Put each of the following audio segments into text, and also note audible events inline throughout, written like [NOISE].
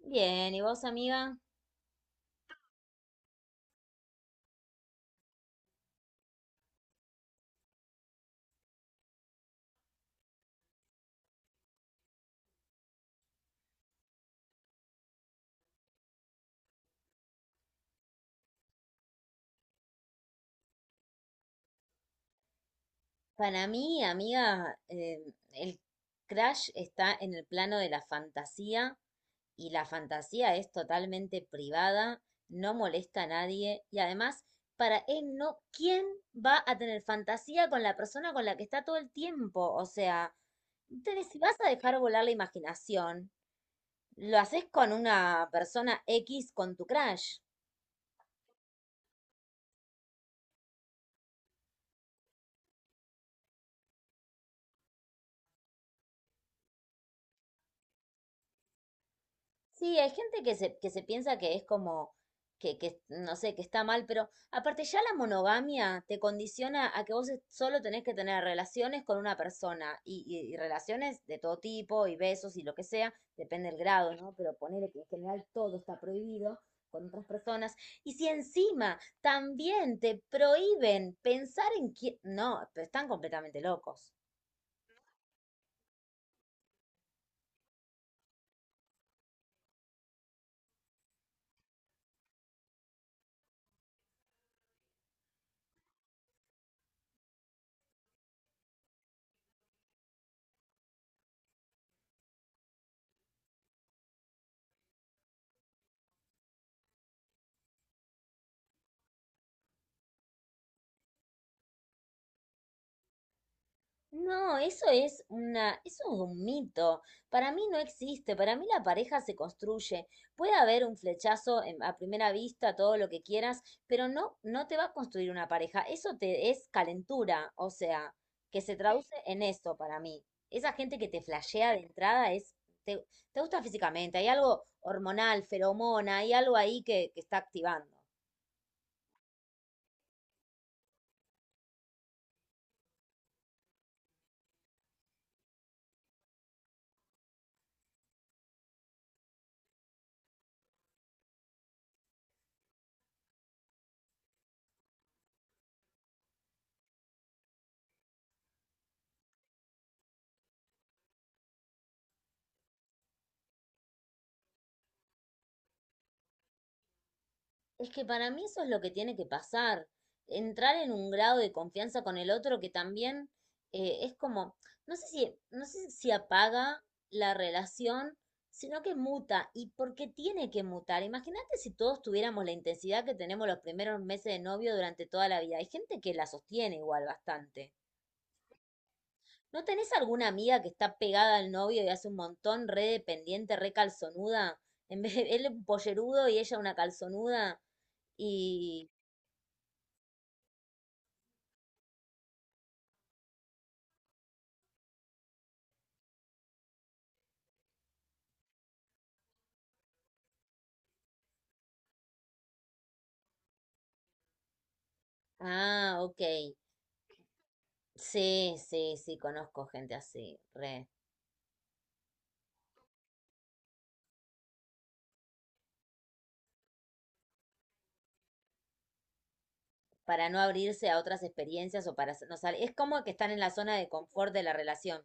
Bien, ¿y vos, amiga? Para mí, amiga, el Crash está en el plano de la fantasía y la fantasía es totalmente privada, no molesta a nadie y además, para él no, ¿quién va a tener fantasía con la persona con la que está todo el tiempo? O sea, entonces, si vas a dejar volar la imaginación, lo haces con una persona X con tu Crash. Sí, hay gente que se piensa que es como, no sé, que está mal, pero aparte ya la monogamia te condiciona a que vos solo tenés que tener relaciones con una persona y relaciones de todo tipo y besos y lo que sea, depende del grado, ¿no? Pero poner que en general todo está prohibido con otras personas. Y si encima también te prohíben pensar en quién... No, pero están completamente locos. No, eso es un mito. Para mí no existe. Para mí la pareja se construye. Puede haber un flechazo a primera vista, todo lo que quieras, pero no te va a construir una pareja. Eso te es calentura, o sea, que se traduce en eso para mí. Esa gente que te flashea de entrada es, te, te gusta físicamente. Hay algo hormonal, feromona, hay algo ahí que está activando. Es que para mí eso es lo que tiene que pasar, entrar en un grado de confianza con el otro que también es como, no sé si apaga la relación, sino que muta. ¿Y porque tiene que mutar? Imagínate si todos tuviéramos la intensidad que tenemos los primeros meses de novio durante toda la vida. Hay gente que la sostiene igual bastante. ¿No tenés alguna amiga que está pegada al novio y hace un montón, re dependiente, re calzonuda? En vez de él un pollerudo y ella una calzonuda. Y Ah, ok. Sí, sí, sí, conozco gente así, re. Para no abrirse a otras experiencias o para no salir. Es como que están en la zona de confort de la relación.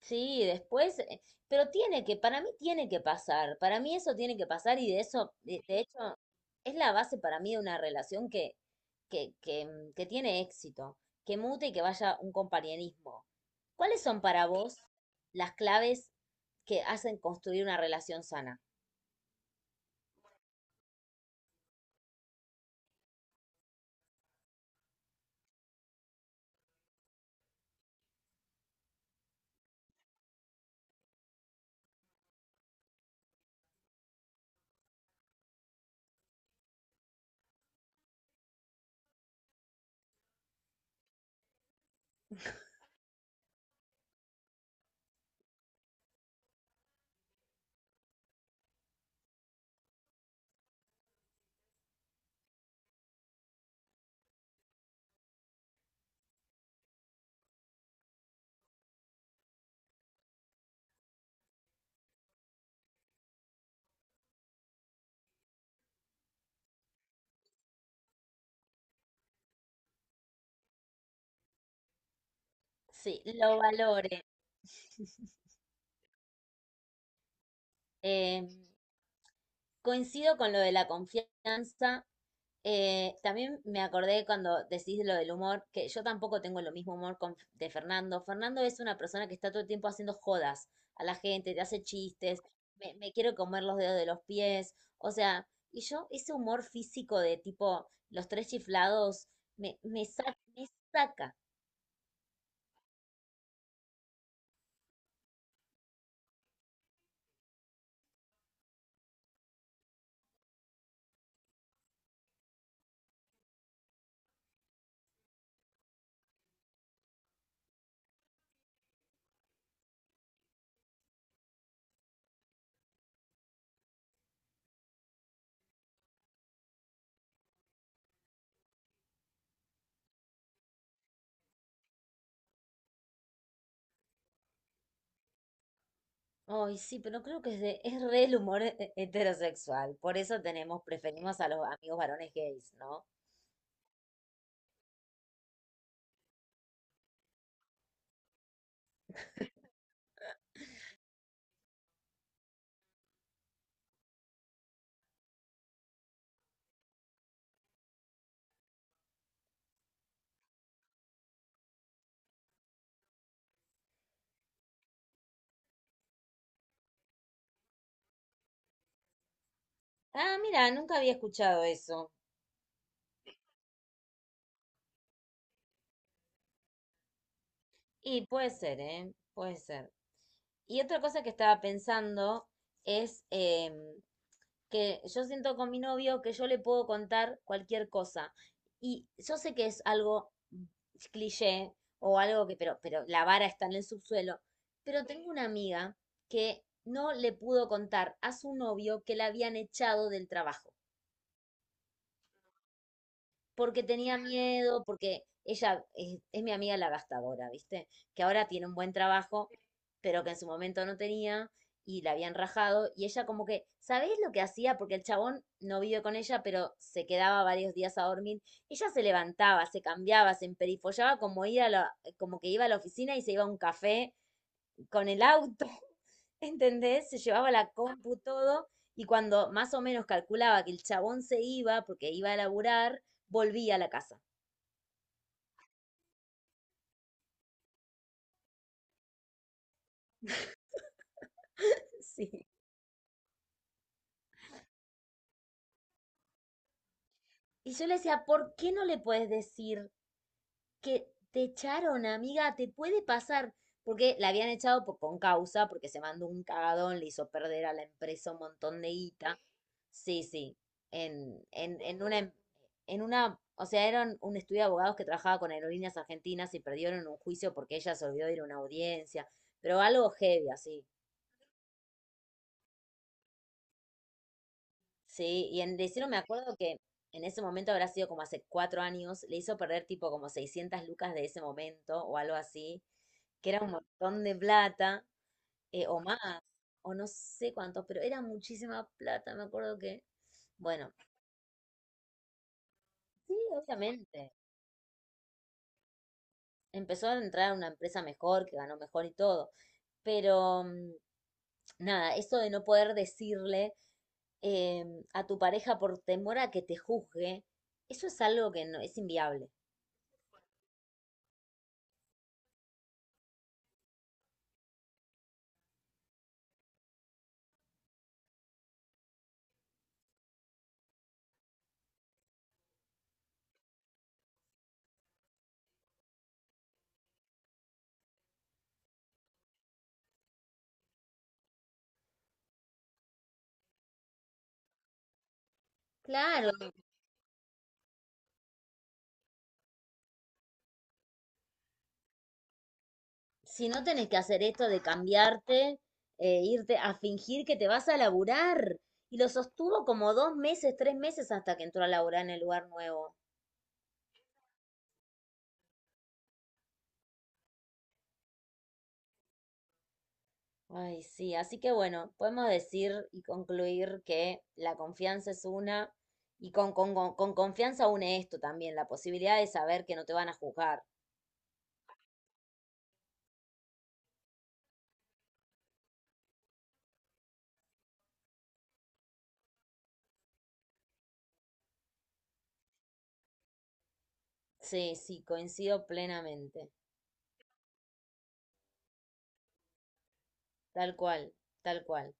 Sí, después, pero tiene que, para mí tiene que pasar, para mí eso tiene que pasar y de eso, de hecho, es la base para mí de una relación que tiene éxito, que mute y que vaya un compañerismo. ¿Cuáles son para vos las claves que hacen construir una relación sana? Sí, lo valore. Eh, coincido con lo de la confianza. También me acordé cuando decís lo del humor, que yo tampoco tengo lo mismo humor de Fernando. Fernando es una persona que está todo el tiempo haciendo jodas a la gente, te hace chistes, me quiero comer los dedos de los pies, o sea, y yo ese humor físico de tipo los Tres Chiflados me saca. Ay, sí, pero creo que es re el humor heterosexual. Por eso tenemos, preferimos a los amigos varones gays, ¿no? Ah, mira, nunca había escuchado eso. Y puede ser, ¿eh? Puede ser. Y otra cosa que estaba pensando es que yo siento con mi novio que yo le puedo contar cualquier cosa. Y yo sé que es algo cliché o algo que, pero la vara está en el subsuelo. Pero tengo una amiga que no le pudo contar a su novio que la habían echado del trabajo porque tenía miedo, porque ella es mi amiga la gastadora, ¿viste? Que ahora tiene un buen trabajo, pero que en su momento no tenía y la habían rajado. Y ella como que, ¿sabés lo que hacía? Porque el chabón no vive con ella, pero se quedaba varios días a dormir. Ella se levantaba, se cambiaba, se emperifollaba como, como que iba a la oficina y se iba a un café con el auto, [LAUGHS] ¿entendés? Se llevaba la compu, todo, y cuando más o menos calculaba que el chabón se iba, porque iba a laburar, volvía a la casa. Sí. Y yo le decía, ¿por qué no le puedes decir que te echaron, amiga, te puede pasar. Porque la habían echado por, con causa, porque se mandó un cagadón, le hizo perder a la empresa un montón de guita. Sí, sí. En, en, en una, em- en una, o sea, eran un estudio de abogados que trabajaba con aerolíneas argentinas y perdieron un juicio porque ella se olvidó de ir a una audiencia. Pero algo heavy, así. Sí, y le hicieron, me acuerdo que en ese momento habrá sido como hace 4 años, le hizo perder tipo como 600 lucas de ese momento o algo así, que era un montón de plata, o más, o no sé cuántos, pero era muchísima plata, me acuerdo que, bueno, sí, obviamente, empezó a entrar a una empresa mejor, que ganó mejor y todo, pero nada, eso de no poder decirle a tu pareja por temor a que te juzgue, eso es algo que no, es inviable. Claro, si no tenés que hacer esto de cambiarte, irte a fingir que te vas a laburar. Y lo sostuvo como 2 meses, 3 meses hasta que entró a laburar en el lugar nuevo. Ay, sí, así que bueno, podemos decir y concluir que la confianza es una, y con confianza une esto también, la posibilidad de saber que no te van a juzgar. Sí, sí, coincido plenamente. Tal cual, tal cual.